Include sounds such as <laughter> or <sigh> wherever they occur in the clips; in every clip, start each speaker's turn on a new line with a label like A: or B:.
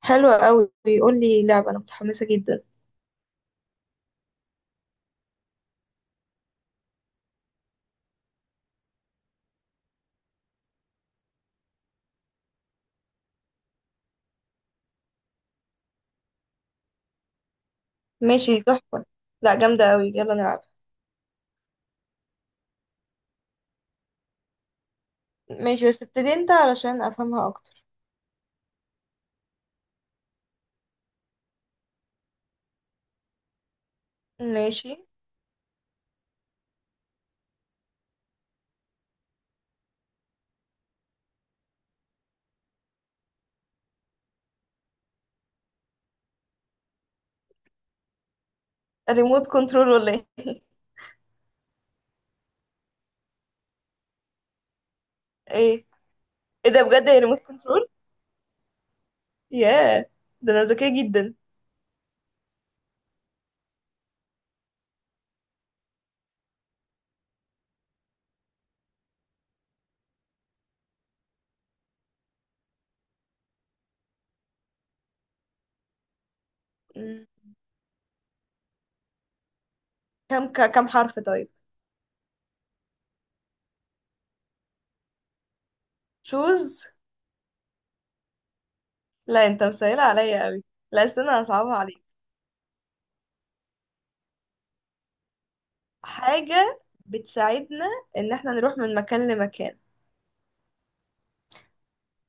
A: حلوة قوي، بيقول لي لعبة. أنا متحمسة جدا. ماشي، تحفة. لا، جامدة قوي، يلا نلعب. ماشي، بس ابتدي انت علشان أفهمها أكتر. ماشي. ريموت كنترول ولا ايه؟ ايه. ايه ده بجد؟ يا ريموت كنترول. ياه، ده أنا ذكية جدا. مم. كم كم حرف طيب؟ شوز. لا انت مسهلة عليا قوي. لا استنى، أنا هصعبها عليك. حاجة بتساعدنا إن احنا نروح من مكان لمكان،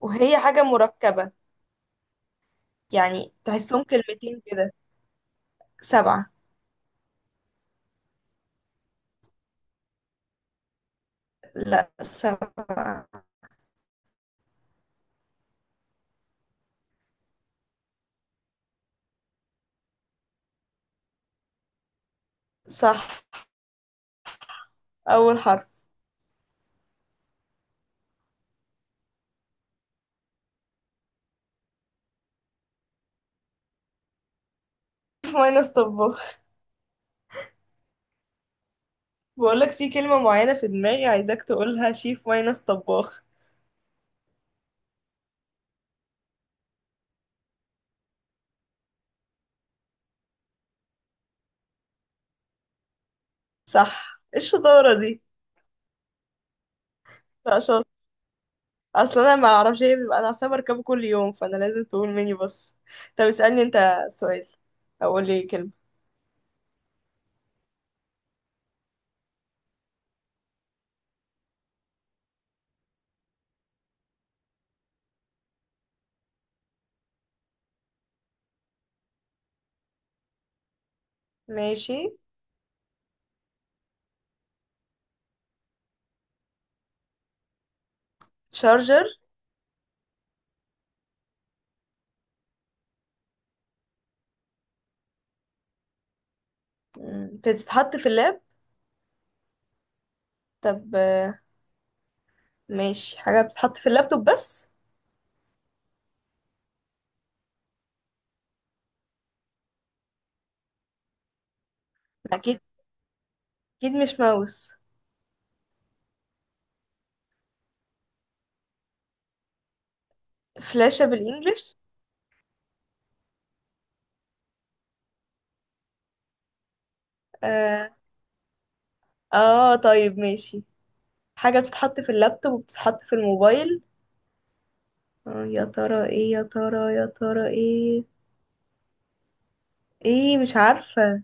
A: وهي حاجة مركبة، يعني تحسهم كلمتين كده. سبعة. لا، سبعة. صح، أول حرف. شيف ماينس طباخ. بقولك في كلمة معينة في دماغي عايزاك تقولها شيف ماينس طباخ. صح، ايه الشطارة دي؟ لا، شاطر. أصل أنا ما أعرفش ايه بيبقى، أنا أصلا بركبه كل يوم فأنا لازم تقول مني بس. طب اسألني أنت سؤال، أو قول لي كلمة. ماشي. شارجر. مم، بتتحط في اللاب. طب آه، ماشي، حاجة بتتحط في اللابتوب بس. أكيد. أكيد مش ماوس. فلاشة بالإنجلش. آه. اه طيب ماشي، حاجة بتتحط في اللابتوب وبتتحط في الموبايل. آه، يا ترى ايه، يا ترى، يا ترى ايه؟ ايه، مش عارفة.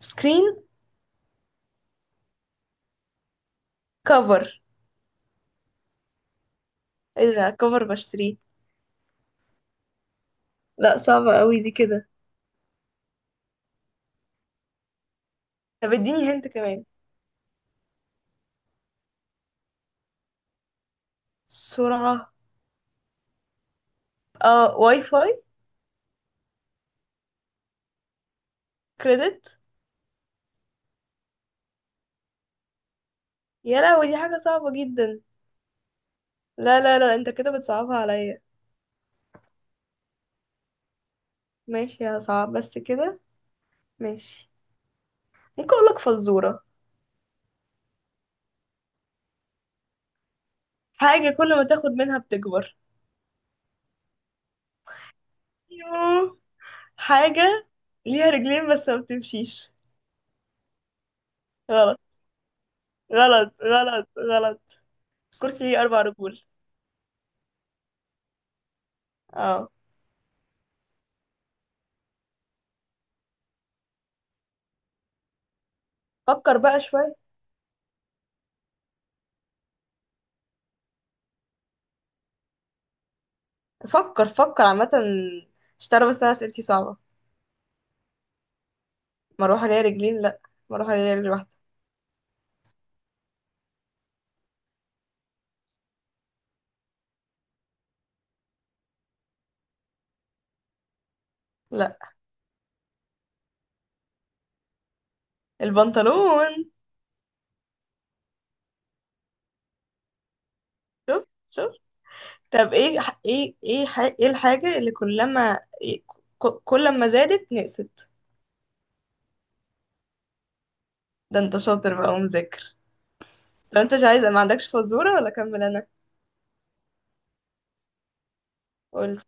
A: سكرين. كفر. ايه ده؟ كفر بشتريه. لا صعبة قوي دي كده. طب اديني هنت كمان. سرعة. اه، واي فاي. كريدت. يا لهوي، دي حاجة صعبة جدا. لا لا لا، انت كده بتصعبها عليا. ماشي يا صعب بس كده. ماشي. ممكن اقولك فزورة؟ حاجة كل ما تاخد منها بتكبر. يوه. حاجة ليها رجلين بس ما بتمشيش. غلط، غلط. كرسي ليه أربع رجول. اه. فكر بقى شوية. فكر، فكر عامة، مش تعرف، بس أنا أسئلتي صعبة. مروحة ليا رجلين؟ لأ. مروحة ليا رجل واحدة. لأ، البنطلون. شوف، شوف. طب ايه ايه، ايه الحاجة اللي كلما إيه، كل ما زادت نقصت؟ ده انت شاطر بقى ومذاكر. لو انت مش عايز ما عندكش فزورة، ولا اكمل انا؟ قول.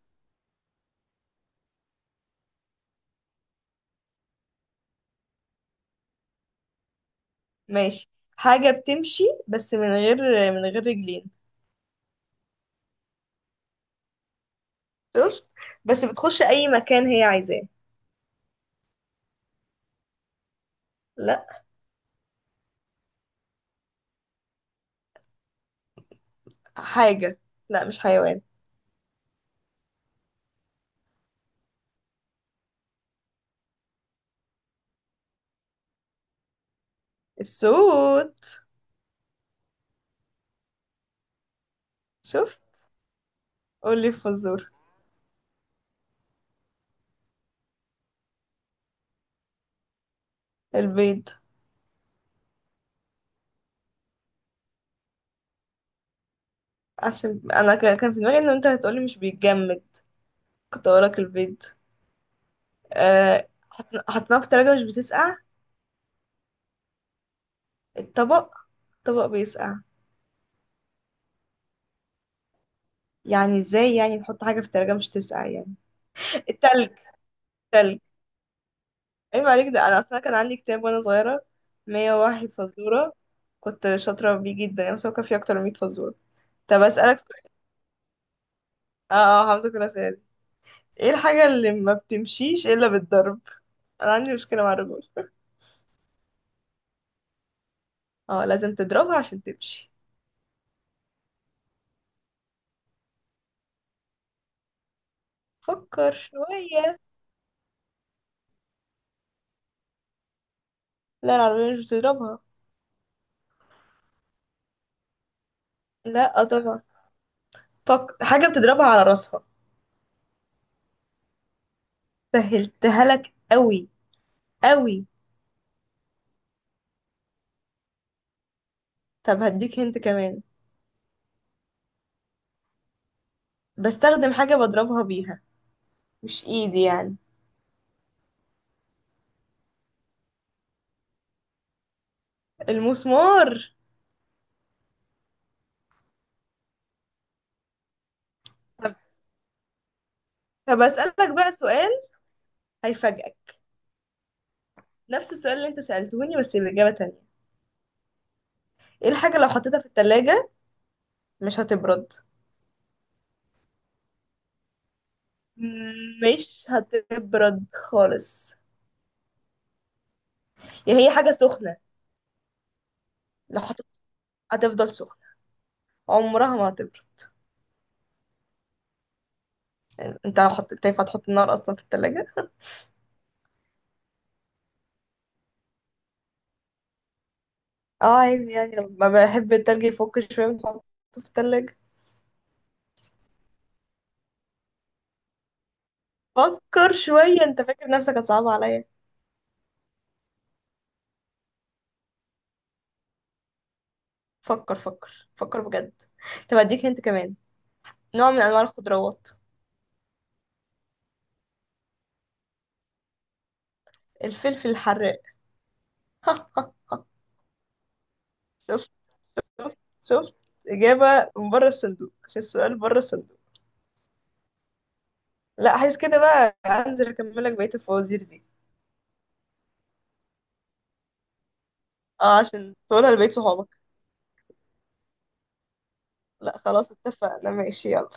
A: ماشي. حاجة بتمشي بس من غير، من غير رجلين. شفت؟ بس بتخش اي مكان هي عايزاه. لا. حاجة. لا مش حيوان. السود. شوف. قولي فزور. البيض. عشان انا كان في دماغي ان انت هتقولي مش بيتجمد، كنت هقولك البيض. أه... حطيناه في التلاجة مش بتسقع. الطبق. طبق بيسقع. يعني ازاي يعني نحط حاجة في التلاجة مش تسقع يعني؟ التلج. تلج. ايوه عليك، ده انا اصلا كان عندي كتاب وانا صغيرة، 101 فزورة، كنت شاطرة بيه جدا يعني، بس هو كان فيه اكتر من 100 فزورة. طب اسألك سؤال. اه اه، حافظة كل. ايه الحاجة اللي ما بتمشيش الا بالضرب؟ انا عندي مشكلة مع الرجل. اه لازم تضربها عشان تمشي. فكر شوية. لا، العربية مش بتضربها. لا آه طبعا. فك... حاجة بتضربها على راسها. سهلتها لك قوي، قوي. طب هديك هنت كمان. بستخدم حاجة بضربها بيها، مش ايدي يعني. المسمار. طب. طب اسألك بقى سؤال، هيفاجئك. نفس السؤال اللي انت سألتوني بس بإجابة تانية. ايه الحاجة لو حطيتها في التلاجة مش هتبرد؟ مش هتبرد خالص. يعني هي حاجة سخنة، لو حطيت هتفضل سخنة، عمرها ما هتبرد. يعني انت لو حطيت ينفع تحط النار اصلا في التلاجة؟ اه عادي، يعني لما بحب التلج يفك شوية بنحطه في التلاجة. فكر شوية، انت فاكر نفسك هتصعب عليا. فكر فكر فكر بجد. طب اديك انت كمان. نوع من انواع الخضروات. الفلفل الحراق. <laughs> شفت، شفت، شفت. إجابة من بره الصندوق عشان السؤال بره الصندوق. لا عايز كده بقى، انزل اكمل لك بقية الفوازير دي. اه عشان تقولها لبقية صحابك. لا خلاص اتفقنا، ماشي، يلا.